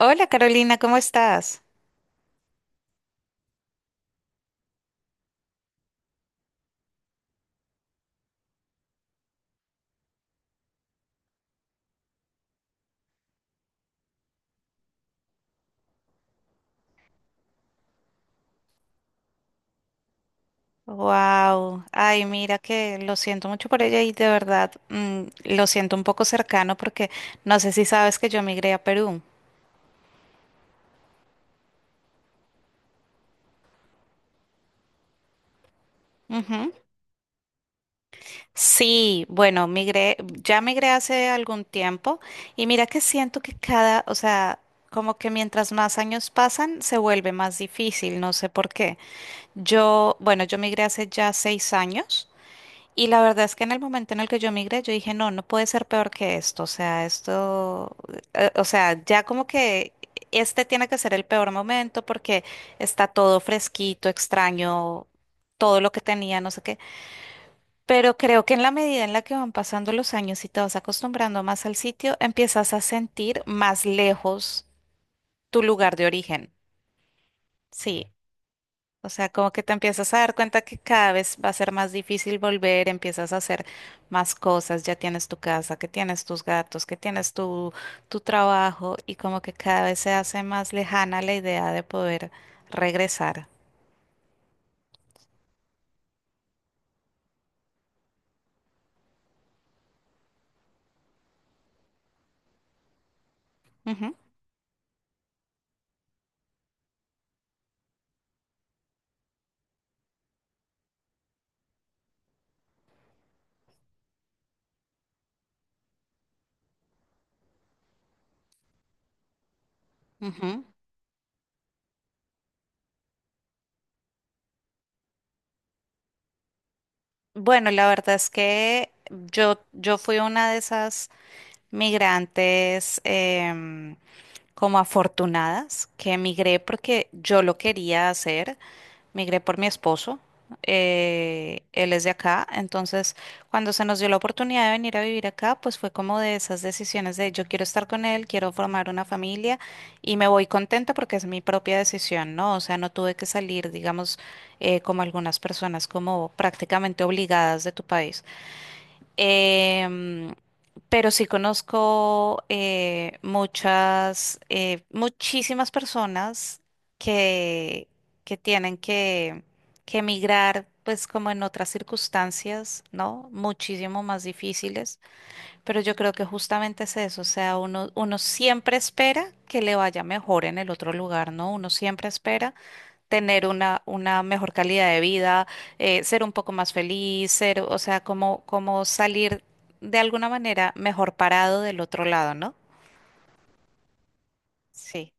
Hola Carolina, ¿cómo estás? Wow, ay, mira que lo siento mucho por ella y de verdad lo siento un poco cercano porque no sé si sabes que yo migré a Perú. Ujú. Sí, bueno, ya migré hace algún tiempo y mira que siento que cada, o sea, como que mientras más años pasan se vuelve más difícil, no sé por qué. Bueno, yo migré hace ya 6 años. Y la verdad es que en el momento en el que yo migré, yo dije, no, no puede ser peor que esto. O sea, esto, o sea, ya como que este tiene que ser el peor momento porque está todo fresquito, extraño, todo lo que tenía, no sé qué. Pero creo que en la medida en la que van pasando los años y te vas acostumbrando más al sitio, empiezas a sentir más lejos tu lugar de origen. Sí. O sea, como que te empiezas a dar cuenta que cada vez va a ser más difícil volver, empiezas a hacer más cosas, ya tienes tu casa, que tienes tus gatos, que tienes tu trabajo y como que cada vez se hace más lejana la idea de poder regresar. Ujú, ujú. Bueno, la verdad es que yo fui una de esas migrantes como afortunadas que emigré porque yo lo quería hacer. Migré por mi esposo. Él es de acá, entonces cuando se nos dio la oportunidad de venir a vivir acá, pues fue como de esas decisiones de yo quiero estar con él, quiero formar una familia y me voy contenta porque es mi propia decisión, ¿no? O sea, no tuve que salir, digamos, como algunas personas, como prácticamente obligadas de tu país. Em, pero sí conozco muchas, muchísimas personas que, que tienen que, que emigrar, pues como en otras circunstancias, ¿no? Muchísimo más difíciles, pero yo creo que justamente es eso, o sea, uno siempre espera que le vaya mejor en el otro lugar, ¿no? Uno siempre espera tener una mejor calidad de vida, ser un poco más feliz, ser, o sea, como salir de alguna manera mejor parado del otro lado, ¿no? Sí.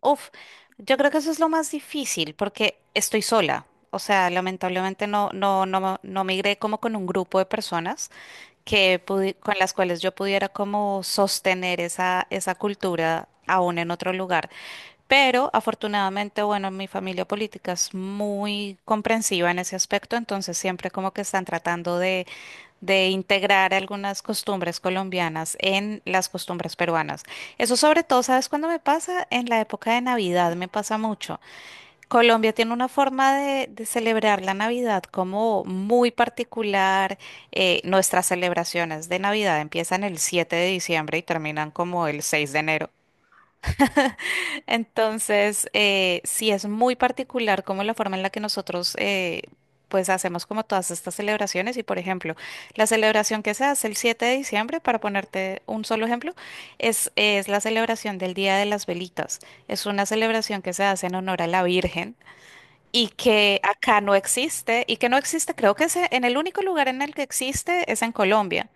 Uf, yo creo que eso es lo más difícil porque estoy sola. O sea, lamentablemente no, no, no, no migré como con un grupo de personas que con las cuales yo pudiera como sostener esa cultura aún en otro lugar. Pero afortunadamente, bueno, mi familia política es muy comprensiva en ese aspecto, entonces siempre como que están tratando de integrar algunas costumbres colombianas en las costumbres peruanas. Eso sobre todo, ¿sabes cuándo me pasa? En la época de Navidad me pasa mucho. Colombia tiene una forma de celebrar la Navidad como muy particular. Nuestras celebraciones de Navidad empiezan el 7 de diciembre y terminan como el 6 de enero. Entonces, sí es muy particular como la forma en la que nosotros pues hacemos como todas estas celebraciones y por ejemplo, la celebración que se hace el 7 de diciembre, para ponerte un solo ejemplo, es la celebración del Día de las Velitas. Es una celebración que se hace en honor a la Virgen y que acá no existe y que no existe, creo que es en el único lugar en el que existe es en Colombia.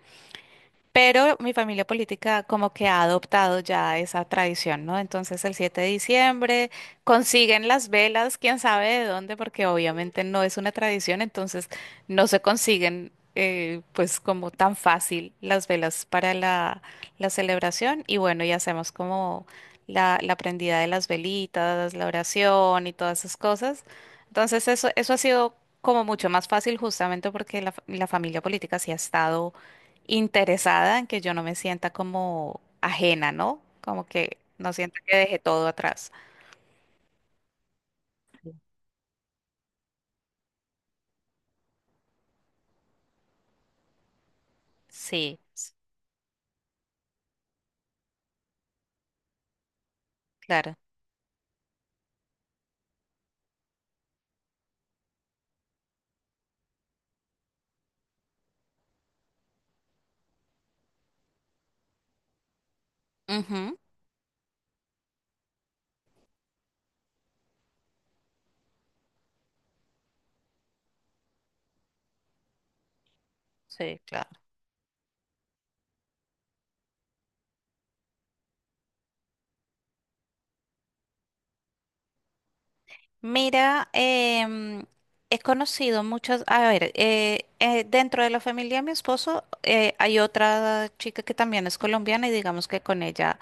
Pero mi familia política como que ha adoptado ya esa tradición, ¿no? Entonces el 7 de diciembre consiguen las velas, quién sabe de dónde, porque obviamente no es una tradición, entonces no se consiguen pues como tan fácil las velas para la celebración. Y bueno, y hacemos como la prendida de las velitas, la oración y todas esas cosas. Entonces eso ha sido como mucho más fácil justamente porque la familia política sí ha estado interesada en que yo no me sienta como ajena, ¿no? Como que no sienta que dejé todo atrás. Sí, claro. Ujú, sí, claro. Mira, he conocido muchas, a ver, dentro de la familia de mi esposo hay otra chica que también es colombiana y digamos que con ella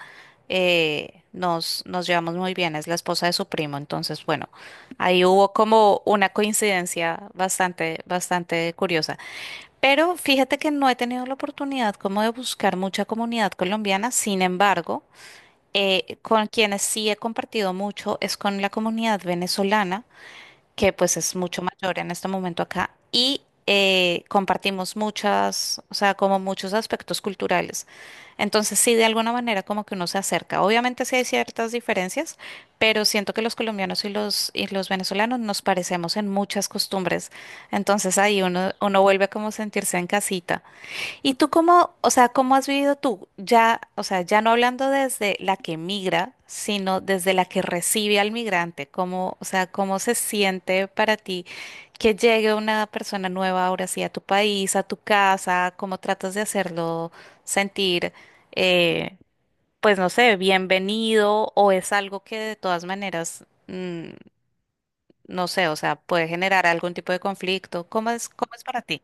nos llevamos muy bien, es la esposa de su primo, entonces bueno, ahí hubo como una coincidencia bastante, bastante curiosa. Pero fíjate que no he tenido la oportunidad como de buscar mucha comunidad colombiana, sin embargo, con quienes sí he compartido mucho es con la comunidad venezolana que pues es mucho mayor en este momento acá, y compartimos muchas, o sea, como muchos aspectos culturales. Entonces sí, de alguna manera como que uno se acerca. Obviamente sí hay ciertas diferencias, pero siento que los colombianos y los venezolanos nos parecemos en muchas costumbres. Entonces ahí uno vuelve como a sentirse en casita. ¿Y tú cómo, o sea, cómo has vivido tú, ya, o sea, ya no hablando desde la que migra, sino desde la que recibe al migrante? ¿Cómo, o sea, cómo se siente para ti que llegue una persona nueva ahora sí a tu país, a tu casa? ¿Cómo tratas de hacerlo sentir, eh, pues no sé, bienvenido o es algo que de todas maneras, no sé, o sea, puede generar algún tipo de conflicto? Cómo es para ti?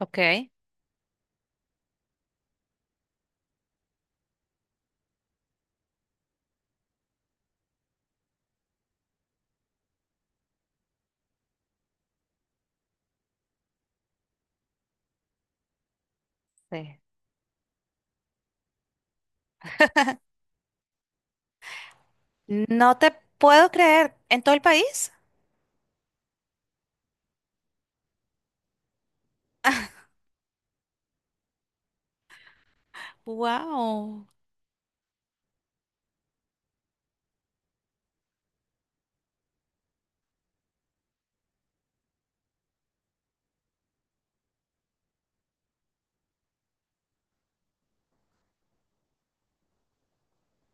Ok, sí. No te puedo creer. ¿En todo el país? Wow.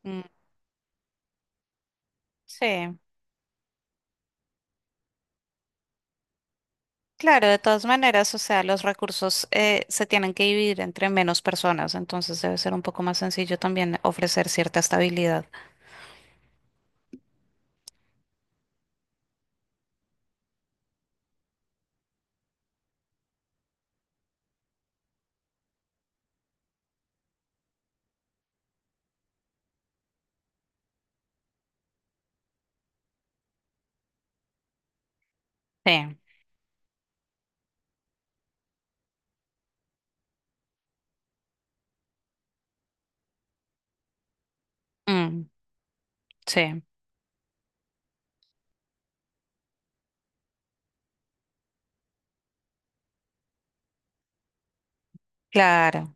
Mm, sí, claro, de todas maneras, o sea, los recursos se tienen que dividir entre menos personas, entonces debe ser un poco más sencillo también ofrecer cierta estabilidad. Sí, mm, sí, claro.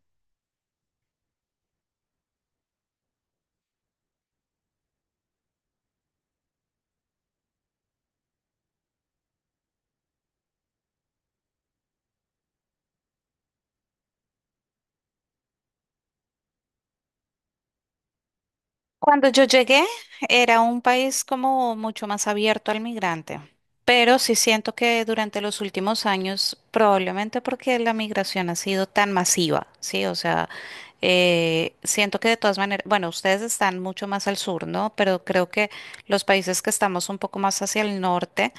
Cuando yo llegué, era un país como mucho más abierto al migrante, pero sí siento que durante los últimos años, probablemente porque la migración ha sido tan masiva, ¿sí? O sea, siento que de todas maneras, bueno, ustedes están mucho más al sur, ¿no? Pero creo que los países que estamos un poco más hacia el norte,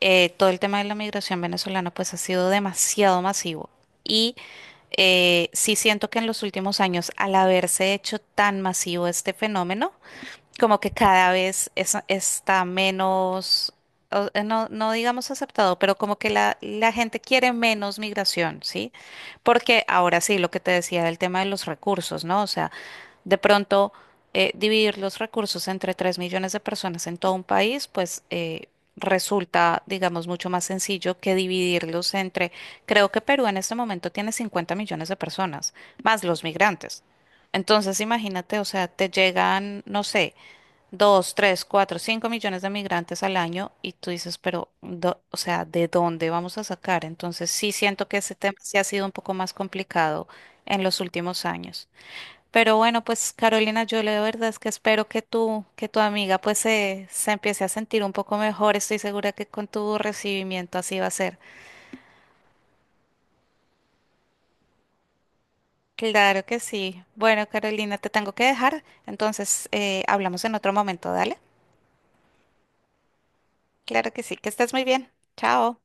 todo el tema de la migración venezolana pues ha sido demasiado masivo. Y sí siento que en los últimos años, al haberse hecho tan masivo este fenómeno, como que cada vez está menos, no, no digamos aceptado, pero como que la gente quiere menos migración, ¿sí? Porque ahora sí, lo que te decía del tema de los recursos, ¿no? O sea, de pronto dividir los recursos entre 3 millones de personas en todo un país, pues resulta, digamos, mucho más sencillo que dividirlos entre, creo que Perú en este momento tiene 50 millones de personas, más los migrantes. Entonces, imagínate, o sea, te llegan, no sé dos, tres, cuatro, cinco millones de migrantes al año y tú dices, pero, o sea, ¿de dónde vamos a sacar? Entonces sí siento que ese tema sí ha sido un poco más complicado en los últimos años. Pero bueno, pues Carolina, yo la verdad es que espero que tú, que tu amiga pues se empiece a sentir un poco mejor. Estoy segura que con tu recibimiento así va a ser. Claro que sí. Bueno, Carolina, te tengo que dejar. Entonces, hablamos en otro momento, ¿dale? Claro que sí, que estés muy bien. Chao.